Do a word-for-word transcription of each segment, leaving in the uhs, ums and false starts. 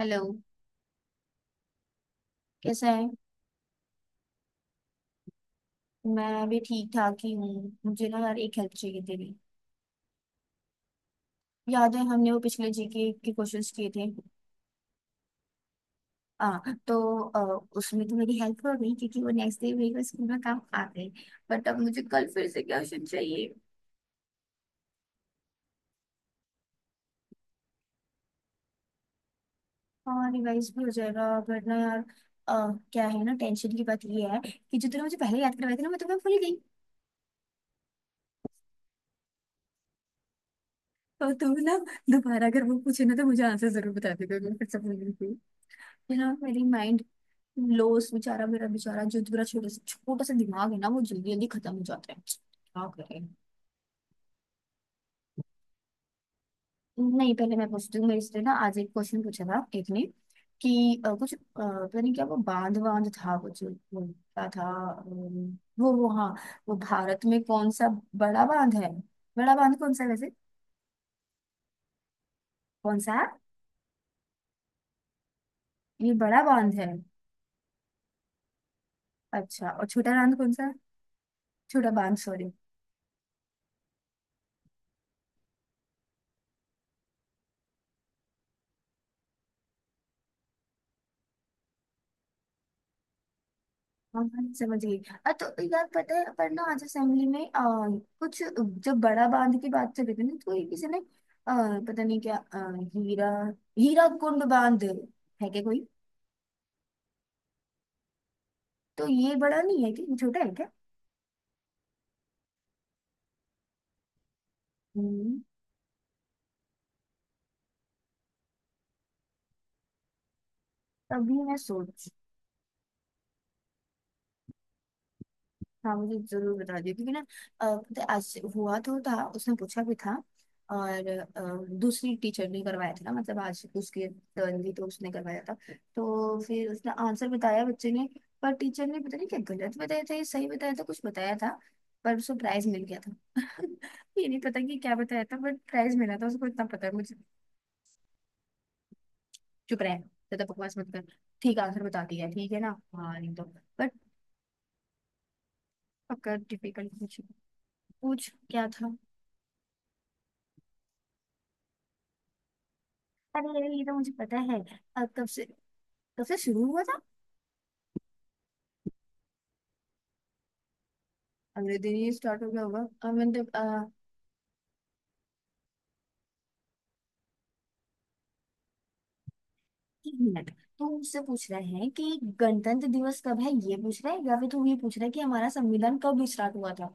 Hello. कैसा है? मैं भी ठीक ठाक ही हूँ। मुझे ना यार एक हेल्प चाहिए तेरी। याद है हमने वो पिछले जीके के क्वेश्चंस किए थे? हाँ तो अ, उसमें तो मेरी हेल्प हो गई क्योंकि वो नेक्स्ट डे मेरे स्कूल में काम आ गए। बट अब मुझे कल फिर से क्वेश्चन चाहिए। हाँ रिवाइज भी हो जाएगा वरना यार अ, क्या है ना, टेंशन की बात ये है कि जो तूने मुझे पहले याद करवाया था ना मैं तो मैं भूल गई। तो तू ना दोबारा अगर वो पूछे ना तो मुझे आंसर जरूर बता देगा, मैं फिर से भूल गई थी। है ना, मेरी माइंड लॉस बेचारा, मेरा बेचारा जो मेरा छोटा सा छोटा सा दिमाग है ना वो जल्दी जल्दी खत्म हो जाता है, क्या करें। नहीं पहले मैं पूछती हूँ, मेरे से ना आज एक क्वेश्चन पूछा था एक ने कि अ, कुछ अ, पता नहीं क्या, वो बांध बांध था कुछ, वो क्या था? अम, वो वो हाँ, वो भारत में कौन सा बड़ा बांध है? बड़ा बांध कौन सा है वैसे? कौन सा है? ये बड़ा बांध है? अच्छा, और छोटा बांध कौन सा है? छोटा बांध सॉरी। हाँ हाँ, समझ गई। अ, तो यार पता है, पर ना आज असेंबली में अ, कुछ जब बड़ा बांध की बात चल रही थी ना तो ये किसी ने अ, पता नहीं क्या अ, हीरा, हीरा कुंड बांध है क्या कोई? तो ये बड़ा नहीं है कि छोटा है क्या? हम्म, तभी मैं सोच। हाँ मुझे जरूर बता दियो क्योंकि ना अ, पता है, आज हुआ तो था, उसने पूछा भी था और अ, दूसरी टीचर ने करवाया था ना, मतलब आज उसकी टर्न थी तो उसने करवाया था। तो फिर उसने आंसर बताया बच्चे ने, पर टीचर ने पता नहीं क्या गलत बताया था या सही बताया था, कुछ बताया था। पर उसको प्राइज मिल गया था ये नहीं पता कि क्या बताया था बट प्राइज मिला था उसको, इतना पता है मुझे। चुप रहे, ज्यादा बकवास मत कर। ठीक आंसर बता दिया, ठीक है ना। हाँ नहीं तो। बट पक्का डिफिकल्ट पूछ। पूछ क्या था। अरे यार, ये तो मुझे पता है। अ, कब से, कब से शुरू हुआ था? अगले दिन ही स्टार्ट हो गया होगा। अब मैंने तो, आ, एक मिनट। तू मुझसे पूछ रहा है कि गणतंत्र दिवस कब है ये पूछ रहा है, या फिर तू ये पूछ रहा है कि हमारा संविधान कब स्टार्ट हुआ था?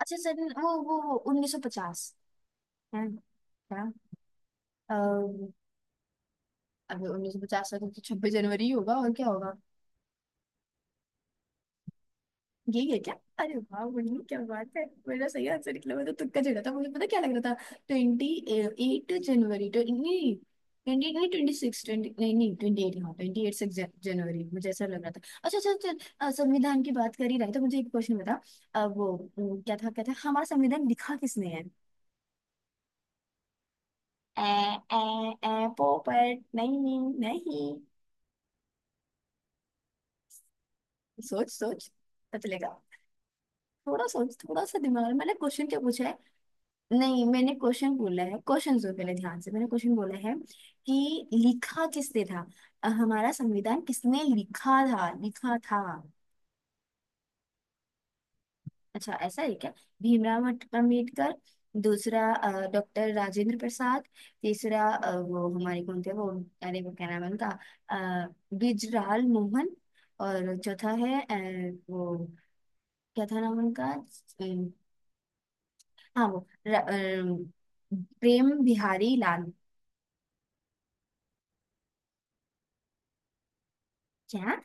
अच्छा सर, वो वो वो उन्नीस सौ पचास है क्या? अ, अभी उन्नीस सौ पचास तो छब्बीस जनवरी ही होगा और क्या होगा। यही है क्या? अरे वाह मुन्नी, क्या बात है, मेरा सही आंसर निकला, मैं तो तुक्का चिढ़ा था, मुझे पता क्या लग रहा था। ट्वेंटी एट जनवरी तो नहीं, ट्वेंटी नहीं ट्वेंटी सिक्स, ट्वेंटी नहीं नहीं ट्वेंटी एट, हाँ ट्वेंटी एट सिक्स जनवरी मुझे ऐसा लग रहा था। अच्छा अच्छा चल। अ, संविधान की बात कर ही रहे तो मुझे एक क्वेश्चन बता। अ, वो अम, क्या था क्या था, हमारा संविधान लिखा किसने है? ए ए ए पोपट नहीं। नहीं, सोच सोच पता चलेगा, थोड़ा सोच, थोड़ा सा दिमाग। मैंने क्वेश्चन क्या पूछा है? नहीं, मैंने क्वेश्चन बोला है, क्वेश्चन सुन पहले ध्यान से। मैंने क्वेश्चन बोला है कि लिखा किसने था। अ, हमारा संविधान किसने लिखा था लिखा था। अच्छा ऐसा है क्या। भीमराव अम्बेड- अम्बेडकर। दूसरा, डॉक्टर राजेंद्र प्रसाद। तीसरा अ, वो हमारे कौन थे वो, अरे वो क्या नाम है उनका, अ, गुजराल मोहन। और चौथा है अ, वो क्या था नाम उनका, अ, हाँ वो र- अ, प्रेम बिहारी लाल। क्या?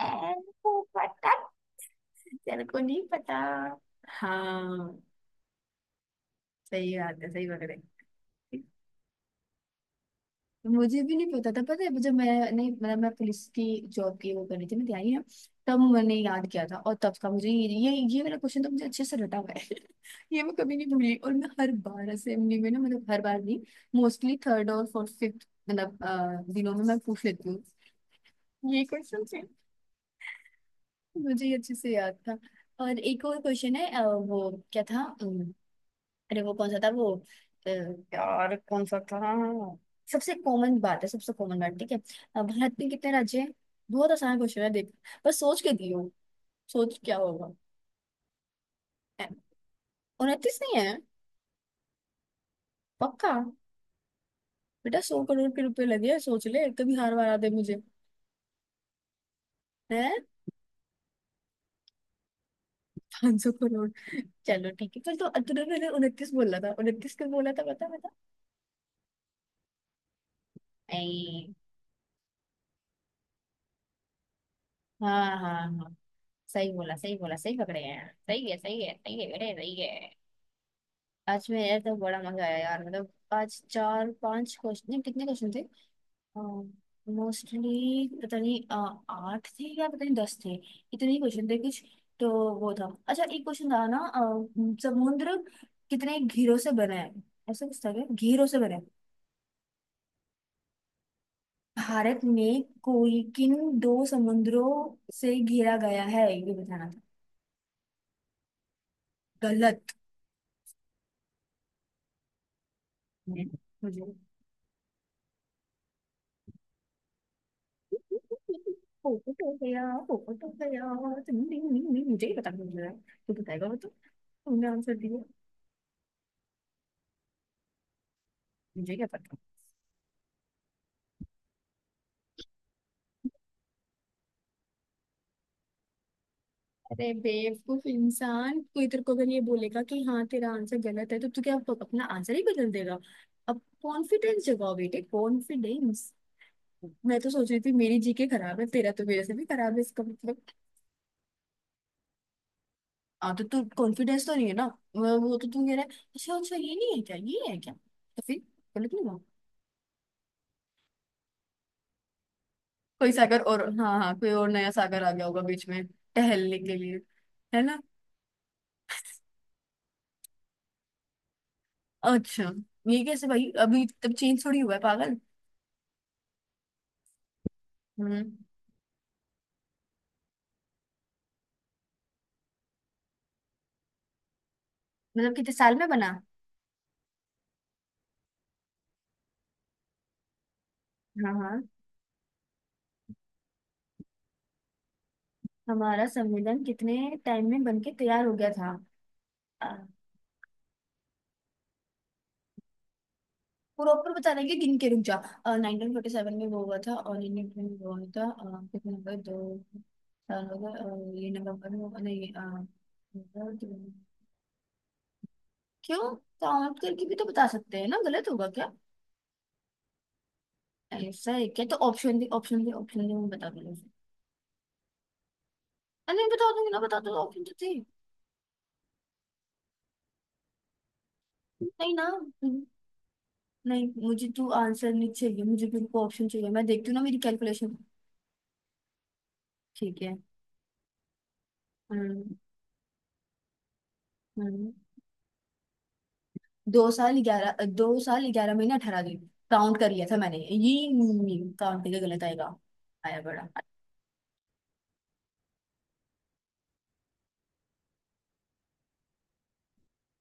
ऐ, वो पता, टीचर को नहीं पता। हाँ, सही बात है, सही पकड़े। मुझे भी नहीं पता था, पता है जब मैंने मतलब मैं पुलिस की जॉब की वो कर रही थी मैं तैयारी ना, तब मैंने याद किया था और तब का मुझे ये ये ये मेरा क्वेश्चन तो मुझे अच्छे से रटा हुआ है ये मैं कभी नहीं भूली और मैं हर बार असेंबली में ना, मतलब हर बार नहीं, मोस्टली थर्ड और फोर्थ फिफ्थ मतलब अ, दिनों में मैं पूछ लेती हूँ ये क्वेश्चन से, मुझे ये अच्छे से याद था। और एक और क्वेश्चन है, अ, वो क्या था, अरे वो कौन सा था वो, अ, यार कौन सा था। सबसे कॉमन बात है, सबसे कॉमन बात ठीक है। अ, भारत में कितने राज्य हैं? बहुत आसान क्वेश्चन है देख, बस सोच के दियो, सोच क्या होगा। उनतीस नहीं है? पक्का? बेटा सौ करोड़ के रुपए लगे हैं, सोच ले कभी हार वारा दे मुझे। है? पाँच सौ करोड़। चलो ठीक है, कल तो तूने उनतीस बोला था, उनतीस क्यों बोला था बता बता। ऐ, हाँ हाँ हाँ, सही बोला सही बोला, सही पकड़े हैं। सही है सही है सही है बेटे सही है। आज में यार तो बड़ा मजा आया यार, मतलब आज चार पांच क्वेश्चन नहीं, कितने क्वेश्चन थे, मोस्टली पता नहीं अ, आठ थे या पता नहीं दस थे, इतने ही क्वेश्चन थे कुछ तो। वो था अच्छा, एक क्वेश्चन था ना अ, समुद्र कितने घेरों से बना है, ऐसा कुछ था क्या, घेरों से बना है, भारत में कोई किन दो समुद्रों से घिरा गया है ये बताना था। गलत है। मुझे 보고 보세요, 보고 보세요. 등등등등 मुझे ही पता नहीं है? तू बताएगा वो तो, तुमने आंसर दिया। मुझे क्या पता। अरे बेवकूफ इंसान, कोई तेरे को अगर ये बोलेगा कि हाँ तेरा आंसर गलत है तो तू क्या अप- अपना आंसर ही बदल देगा? अब कॉन्फिडेंस जगाओ बेटे, कॉन्फिडेंस। मैं तो सोच रही थी मेरी जीके खराब है, तेरा तो मेरे से भी खराब है इसका मतलब। हाँ तो तू कॉन्फिडेंस तो नहीं है ना, वो वो तो तू कह रहा है। अच्छा अच्छा, ये नहीं है क्या, ये है क्या तो फिर, गलत नहीं हुआ। कोई सागर, और हाँ हाँ कोई और नया सागर आ गया होगा बीच में टहलने के लिए, है ना। अच्छा ये कैसे भाई, अभी तब चेंज थोड़ी हुआ है पागल। हम्म। मतलब कितने साल में बना। हाँ हाँ। हमारा संविधान कितने टाइम में बन के तैयार हो गया था। आ, प्रॉपर बता रहे कि गिन के रुक जा। नाइनटीन फोर्टी सेवन में वो हुआ था और इंडियन में वो हुआ था, अ, कितने नंबर दो साल हो गए, अ, ये नवंबर में हुआ- नहीं अ, नवंबर, दिसंबर। क्यों? काउंट करके भी तो बता सकते हैं ना, गलत होगा? ऐसा है क्या, तो ऑप्शन दी ऑप्शन दी ऑप्शन दी, मैं बता दूंगी। अरे नहीं बता दूंगी ना बता दूंगी, ऑप्शन तो थे। नहीं ना, नहीं मुझे तो आंसर नहीं चाहिए, मुझे बिल्कुल ऑप्शन चाहिए, मैं देखती हूँ ना मेरी कैलकुलेशन। ठीक है। हम्म। हम्म। दो साल ग्यारह दो साल ग्यारह महीने अठारह दिन, काउंट कर लिया था मैंने ये। काउंट करके गलत आएगा? आया बड़ा।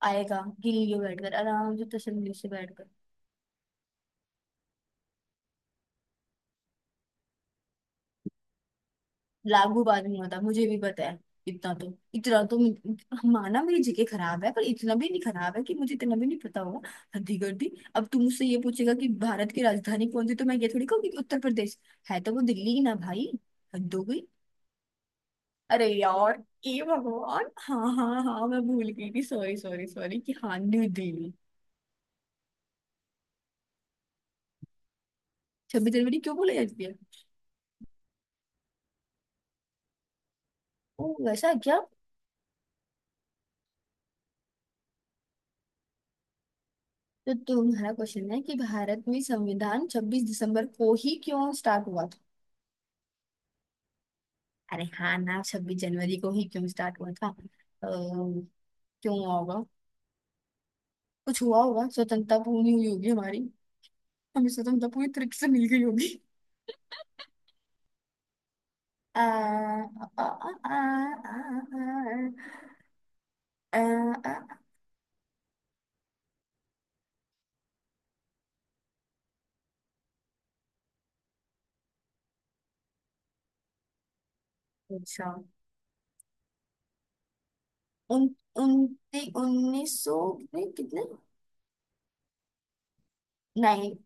आएगा गिल्ली बैठकर आराम से, तसल्ली से बैठकर। लागू बात नहीं होता, मुझे भी पता है इतना तो, इतना तो मु- माना मेरी जीके खराब है पर इतना भी नहीं खराब है कि मुझे इतना भी नहीं पता होगा, हद्दी कर दी। अब तुम मुझसे ये पूछेगा कि भारत की राजधानी कौन सी, तो मैं ये थोड़ी कहूंगी कि उत्तर प्रदेश है, तो वो दिल्ली ही ना भाई, हद हो गई। अरे यार ए भगवान, हाँ हाँ हाँ मैं भूल गई थी, सॉरी सॉरी सॉरी, कि हाँ न्यू दिल्ली। छब्बीस जनवरी क्यों बोला जाती है। ओ वैसा क्या। तो तुम्हारा क्वेश्चन है कि भारत में संविधान छब्बीस दिसंबर को ही क्यों स्टार्ट हुआ। अरे हाँ ना, छब्बीस जनवरी को ही क्यों स्टार्ट हुआ था अ, क्यों हुआ होगा, कुछ हुआ होगा, स्वतंत्रता पूरी हुई होगी हमारी, हमें स्वतंत्रता पूरी तरीके से मिल गई होगी। आ, आ, आ, आ, आ, आ, आ, अच्छा। उन उन्ती उन्नीस सौ में कितने, nine,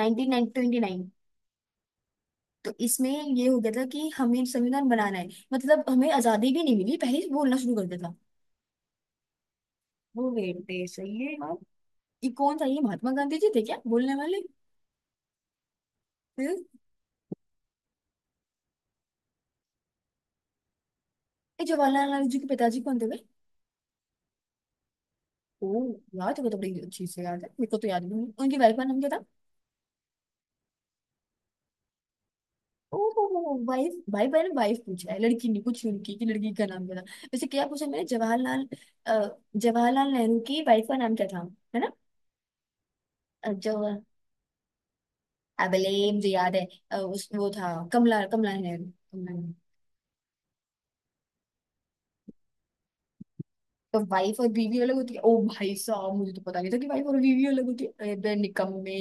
nineteen nine twenty nine. तो इसमें ये हो गया था कि हमें संविधान बनाना है, मतलब हमें आजादी भी नहीं मिली पहले ही बोलना शुरू कर दिया था। वो वेट दे, सही है यार। ये कौन था, ये महात्मा गांधी जी थे क्या बोलने वाले। फिर ये जवाहरलाल नेहरू जी के पिताजी कौन थे भाई। ओ यार, तेरे को तो बड़ी अच्छी से याद है, मेरे को तो याद भी नहीं, उनकी वाइफ का नाम क्या था। ओ वाइफ, भाई भाई ने वाइफ पूछा है, लड़की नहीं पूछी उनकी कि लड़की का नाम क्या था। वैसे क्या पूछा मैंने, जवाहरलाल अ, जवाहरलाल नेहरू की वाइफ का नाम क्या था, है ना। अ, जो अबले मुझे याद है अ, उस वो था कमला, कमला नेहरू, कमला नेहरू। तो वाइफ और बीवी अलग होती है? ओ भाई साहब, मुझे तो पता नहीं था कि वाइफ और बीवी अलग होती है, अरे बे निकम्मे।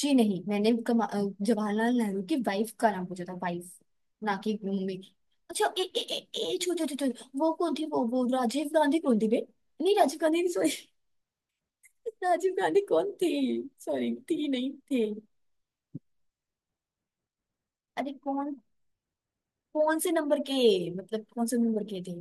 जी नहीं, मैंने कमा- अ, जवाहरलाल नेहरू की वाइफ का नाम पूछा था, वाइफ, ना कि मम्मी की। अच्छा ए ए ए, ए छो छो छो छो, वो कौन थी वो वो राजीव गांधी कौन थी बे, नहीं राजीव गांधी नहीं सॉरी राजीव गांधी कौन थी, सॉरी थी नहीं थे। अरे कौन, कौन से नंबर के, मतलब कौन से नंबर के थे।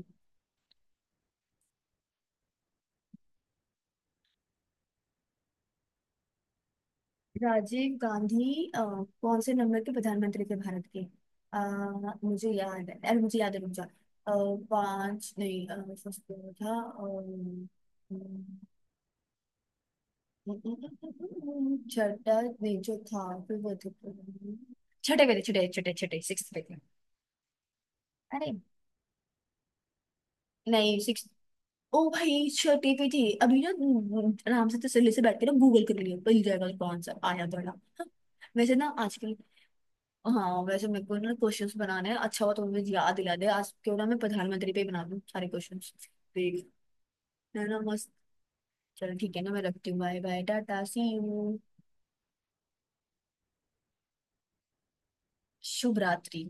राजीव गांधी अ, कौन से नंबर के प्रधानमंत्री थे भारत के। आ, मुझे याद है, अरे मुझे याद है, रुक जा अ, पांच नहीं अ, फर्स्ट पे वो था अ, छठा नहीं जो था फिर वो तो, छठे पे थे, छठे छठे छठे, सिक्स पे थे। अरे नहीं सिक्स, ओ भाई छठी पे थी अभी ना। आराम से तसल्ली से बैठ के ना, गूगल कर लिया मिल जाएगा, तो कौन सा आया दौड़ा। हाँ, वैसे ना आजकल। हाँ वैसे मेरे को ना क्वेश्चंस बनाने हैं, अच्छा हुआ तो मुझे याद दिला दे, आज क्यों ना मैं प्रधानमंत्री पे ही बना दूं सारे क्वेश्चंस, देख, है ना मस्त। चलो ठीक है ना, मैं रखती हूँ, bye bye tata see you. शुभ रात्रि।